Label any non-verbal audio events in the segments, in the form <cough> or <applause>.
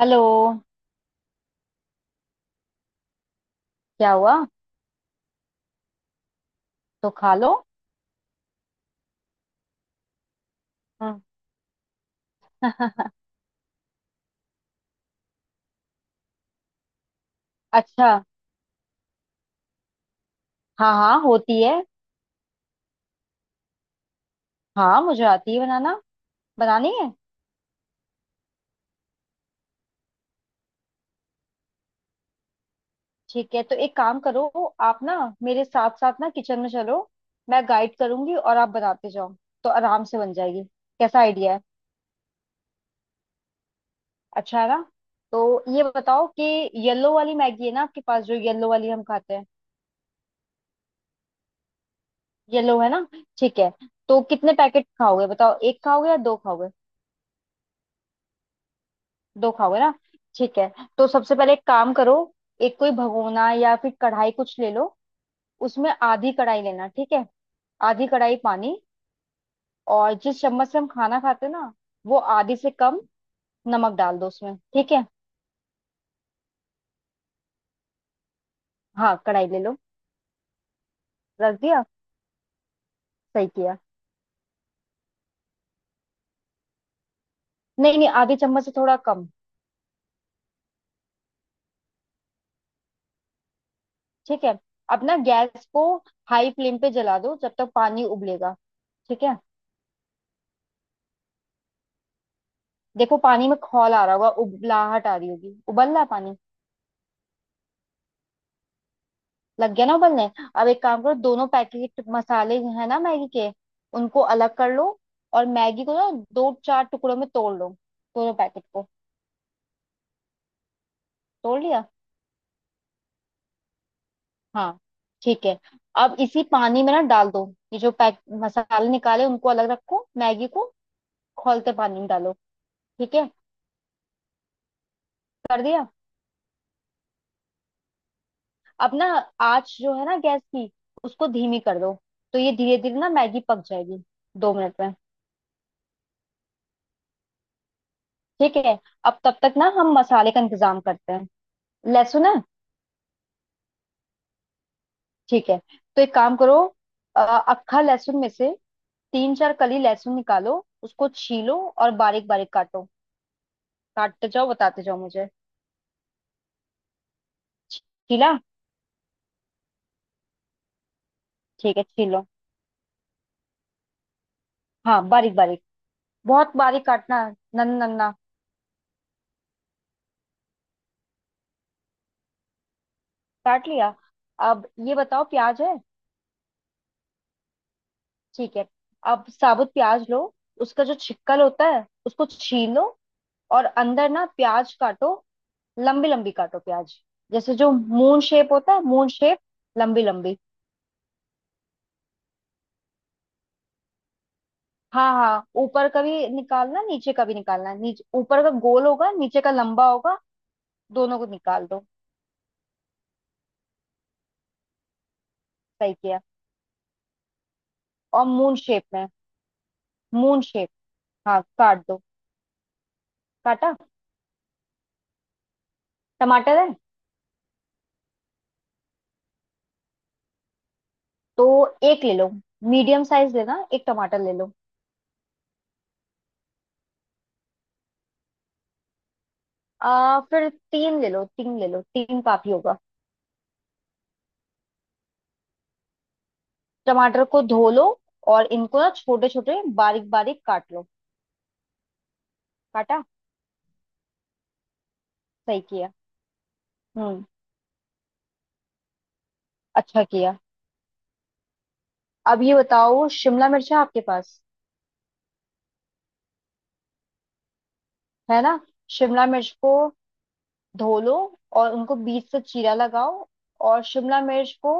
Hello. क्या हुआ? तो खा लो। हाँ। <laughs> अच्छा। हाँ हाँ, होती है। हाँ, मुझे आती है बनाना। बनानी है? ठीक है। तो एक काम करो, आप ना मेरे साथ साथ ना किचन में चलो। मैं गाइड करूंगी और आप बनाते जाओ। तो आराम से बन जाएगी। कैसा आइडिया है? अच्छा है ना? तो ये बताओ कि येलो वाली मैगी है ना आपके पास, जो येलो वाली हम खाते हैं। येलो है ना? ठीक है। तो कितने पैकेट खाओगे बताओ, एक खाओगे या दो खाओगे? दो खाओगे ना? ठीक है। तो सबसे पहले एक काम करो, एक कोई भगोना या फिर कढ़ाई कुछ ले लो। उसमें आधी कढ़ाई लेना ठीक है। आधी कढ़ाई पानी। और जिस चम्मच से हम खाना खाते हैं ना, वो आधी से कम नमक डाल दो उसमें। ठीक है, हाँ कढ़ाई ले लो। रख दिया, सही किया। नहीं नहीं, आधी चम्मच से थोड़ा कम। ठीक है। अब ना गैस को हाई फ्लेम पे जला दो, जब तक पानी उबलेगा। ठीक है। देखो पानी में खौल आ रहा होगा, उबलाहट आ रही होगी, उबल रहा है पानी। लग गया ना उबलने? अब एक काम करो, दोनों पैकेट मसाले है ना मैगी के, उनको अलग कर लो। और मैगी को ना दो चार टुकड़ों में तोड़ लो, दोनों पैकेट को। तोड़ लिया। हाँ, ठीक है। अब इसी पानी में ना डाल दो। ये जो पैक मसाले निकाले उनको अलग रखो, मैगी को खौलते पानी में डालो। ठीक है, कर दिया। अब ना आँच जो है ना गैस की, उसको धीमी कर दो। तो ये धीरे धीरे ना मैगी पक जाएगी 2 मिनट में। ठीक है। अब तब तक ना हम मसाले का इंतजाम करते हैं। लहसुन है? ठीक है। तो एक काम करो, अक्खा लहसुन में से तीन चार कली लहसुन निकालो। उसको छीलो और बारीक बारीक काटो। काटते जाओ बताते जाओ मुझे। छीला? ठीक है, छीलो। हाँ बारीक बारीक, बहुत बारीक काटना। नन्ना नन्ना। काट लिया? अब ये बताओ प्याज है? ठीक है। अब साबुत प्याज लो, उसका जो छिक्कल होता है उसको छीलो और अंदर ना प्याज काटो। लंबी लंबी काटो प्याज, जैसे जो मून शेप होता है, मून शेप। लंबी लंबी। हाँ हाँ, ऊपर का भी निकालना नीचे का भी निकालना। नीचे ऊपर का गोल होगा नीचे का लंबा होगा। दोनों को निकाल दो। सही किया। और मून शेप में, मून शेप। हाँ काट दो। काटा? टमाटर है? तो एक ले लो, मीडियम साइज लेना, एक टमाटर ले लो। आ फिर तीन ले लो, तीन ले लो, तीन काफी होगा। टमाटर को धो लो और इनको ना छोटे छोटे बारीक बारीक काट लो। काटा? सही किया। हम्म। अच्छा किया। अब ये बताओ शिमला मिर्च है आपके पास? है ना? शिमला मिर्च को धो लो और उनको बीच से चीरा लगाओ। और शिमला मिर्च को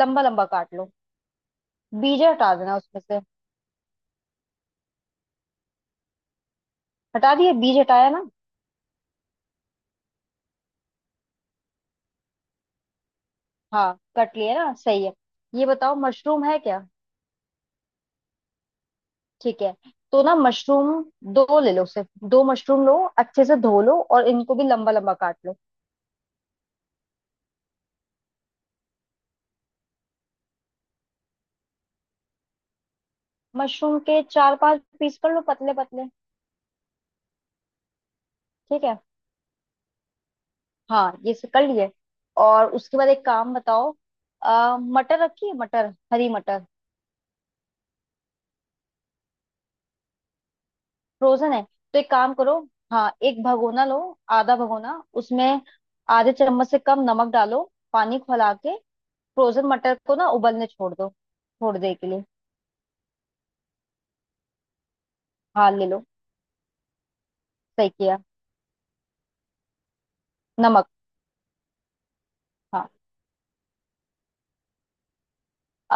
लंबा लंबा काट लो। बीज हटा देना उसमें से। हटा दिए? बीज हटाया ना? हाँ कट लिया ना, सही है। ये बताओ मशरूम है क्या? ठीक है। तो ना मशरूम दो ले लो सिर्फ। दो मशरूम लो, अच्छे से धो लो और इनको भी लंबा लंबा काट लो। मशरूम के चार पांच पीस कर लो, पतले पतले। ठीक है। हाँ ये से कर लिए। और उसके बाद एक काम बताओ। मटर रखी है? मटर, हरी मटर, फ्रोजन है? तो एक काम करो, हाँ एक भगोना लो। आधा भगोना उसमें आधे चम्मच से कम नमक डालो। पानी खौला के फ्रोजन मटर को ना उबलने छोड़ दो थोड़ी देर के लिए। हाँ ले लो। सही किया। नमक। हाँ।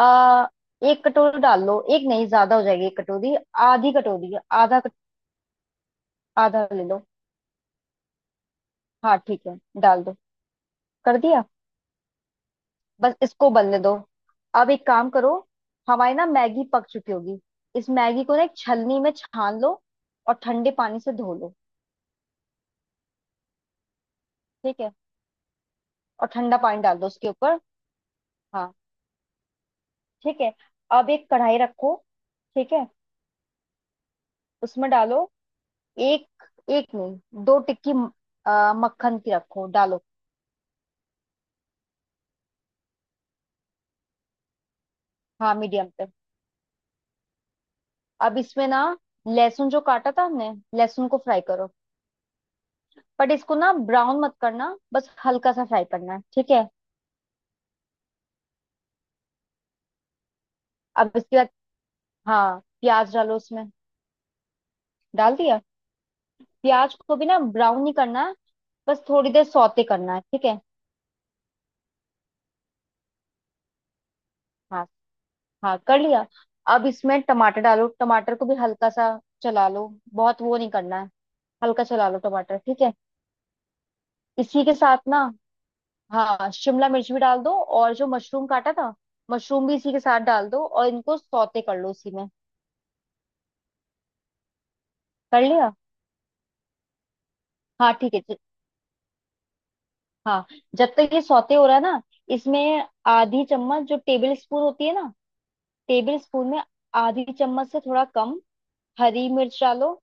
आ, एक कटोरी डाल लो। एक नहीं, ज्यादा हो जाएगी। एक कटोरी, आधी कटोरी। आधा कट- आधा ले लो। हाँ ठीक है, डाल दो। कर दिया। बस इसको बनने दो। अब एक काम करो, हमारी ना मैगी पक चुकी होगी। इस मैगी को ना एक छलनी में छान लो और ठंडे पानी से धो लो। ठीक है। और ठंडा पानी डाल दो उसके ऊपर। हाँ ठीक है। अब एक कढ़ाई रखो। ठीक है। उसमें डालो एक, एक नहीं दो टिक्की मक्खन की रखो डालो। हाँ मीडियम पे। अब इसमें ना लहसुन जो काटा था हमने, लहसुन को फ्राई करो। बट इसको ना ब्राउन मत करना, बस हल्का सा फ्राई करना है। ठीक है। अब इसके बाद हाँ प्याज डालो उसमें। डाल दिया? प्याज को भी ना ब्राउन नहीं करना है, बस थोड़ी देर सौते करना है। ठीक है। हाँ हाँ, कर लिया। अब इसमें टमाटर डालो, टमाटर को भी हल्का सा चला लो। बहुत वो नहीं करना है, हल्का चला लो टमाटर। ठीक है। इसी के साथ ना, हाँ शिमला मिर्च भी डाल दो और जो मशरूम काटा था, मशरूम भी इसी के साथ डाल दो और इनको सौते कर लो इसी में। कर लिया? हाँ, ठीक है। हाँ। जब तक ये सौते हो रहा है ना, इसमें आधी चम्मच जो टेबल स्पून होती है ना, टेबल स्पून में आधी चम्मच से थोड़ा कम हरी मिर्च डालो।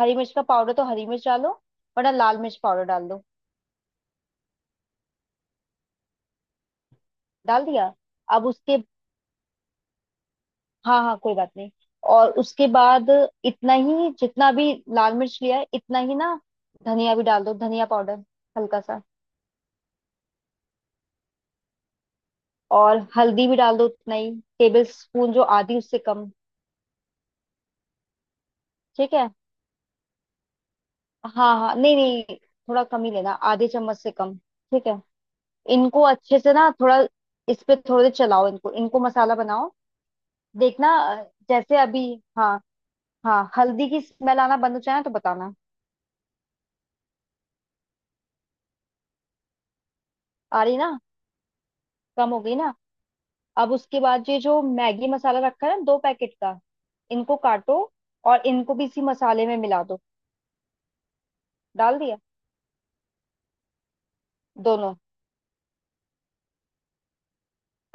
हरी मिर्च का पाउडर, तो हरी मिर्च डालो, वरना लाल मिर्च पाउडर डाल दो। डाल दिया? अब उसके, हाँ हाँ कोई बात नहीं। और उसके बाद इतना ही, जितना भी लाल मिर्च लिया है इतना ही ना, धनिया भी डाल दो, धनिया पाउडर हल्का सा। और हल्दी भी डाल दो उतना ही, टेबल स्पून जो आधी उससे कम। ठीक है। हाँ हाँ नहीं नहीं, थोड़ा कम ही लेना, आधे चम्मच से कम। ठीक है। इनको अच्छे से ना थोड़ा इस पे थोड़े देर चलाओ, इनको इनको मसाला बनाओ। देखना जैसे अभी, हाँ हाँ, हल्दी की स्मेल आना बंद हो जाए ना तो बताना। आ रही ना? कम हो गई ना? अब उसके बाद ये जो मैगी मसाला रखा है ना दो पैकेट का, इनको काटो और इनको भी इसी मसाले में मिला दो। डाल दिया? दोनों?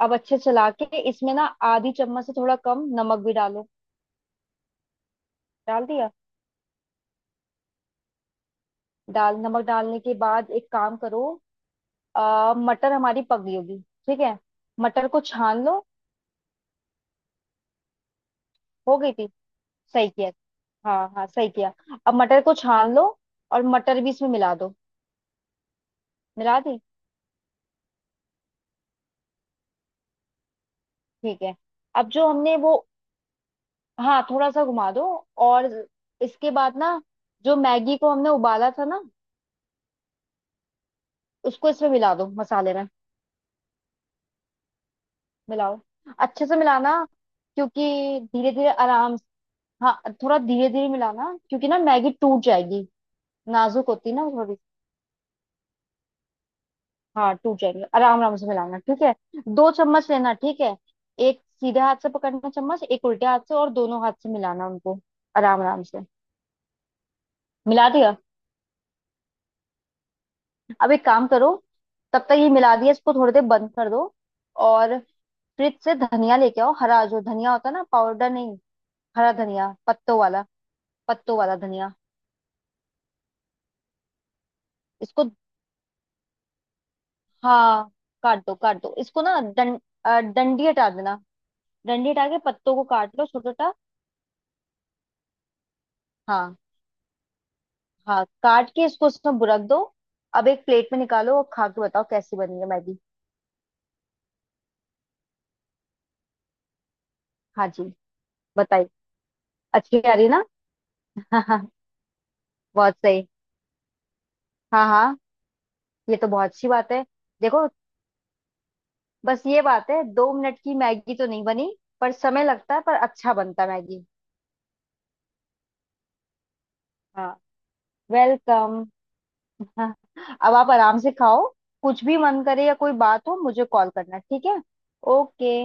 अब अच्छे चला के इसमें ना आधी चम्मच से थोड़ा कम नमक भी डालो। डाल दिया? डाल, नमक डालने के बाद एक काम करो, मटर हमारी पक गई होगी। ठीक है, मटर को छान लो। हो गई थी? सही किया। हाँ हाँ सही किया। अब मटर को छान लो और मटर भी इसमें मिला दो। मिला दी? ठीक है। अब जो हमने वो, हाँ थोड़ा सा घुमा दो। और इसके बाद ना जो मैगी को हमने उबाला था ना, उसको इसमें मिला दो, मसाले में मिलाओ। अच्छे से मिलाना, क्योंकि धीरे धीरे आराम हाँ, थोड़ा धीरे धीरे मिलाना क्योंकि ना मैगी टूट जाएगी, नाजुक होती ना वो थोड़ी। हाँ टूट जाएंगे, आराम आराम से मिलाना। ठीक है, दो चम्मच लेना। ठीक है, एक सीधे हाथ से पकड़ना चम्मच, एक उल्टे हाथ से, और दोनों हाथ से मिलाना उनको आराम आराम से। मिला दिया? अब एक काम करो, तब तक ये मिला दिया इसको थोड़ी देर बंद कर दो। और फ्रिज से धनिया लेके आओ, हरा जो धनिया होता है ना, पाउडर नहीं, हरा धनिया पत्तों वाला, पत्तों वाला धनिया। इसको हाँ काट दो, काट दो इसको ना डंडी हटा देना। डंडी हटा के पत्तों को काट लो छोटा छोटा। हाँ हाँ काट के इसको उसमें बुरक दो। अब एक प्लेट में निकालो और खा के बताओ कैसी बनी है मैगी। हाँ जी, बताइए। अच्छी आ रही ना? <laughs> हाँ। बहुत सही। हाँ हाँ। ये तो बहुत अच्छी बात है। देखो बस ये बात है, 2 मिनट की मैगी तो नहीं बनी, पर समय लगता है पर अच्छा बनता है मैगी। हाँ। वेलकम। <laughs> अब आप आराम से खाओ। कुछ भी मन करे या कोई बात हो मुझे कॉल करना। ठीक है। ओके।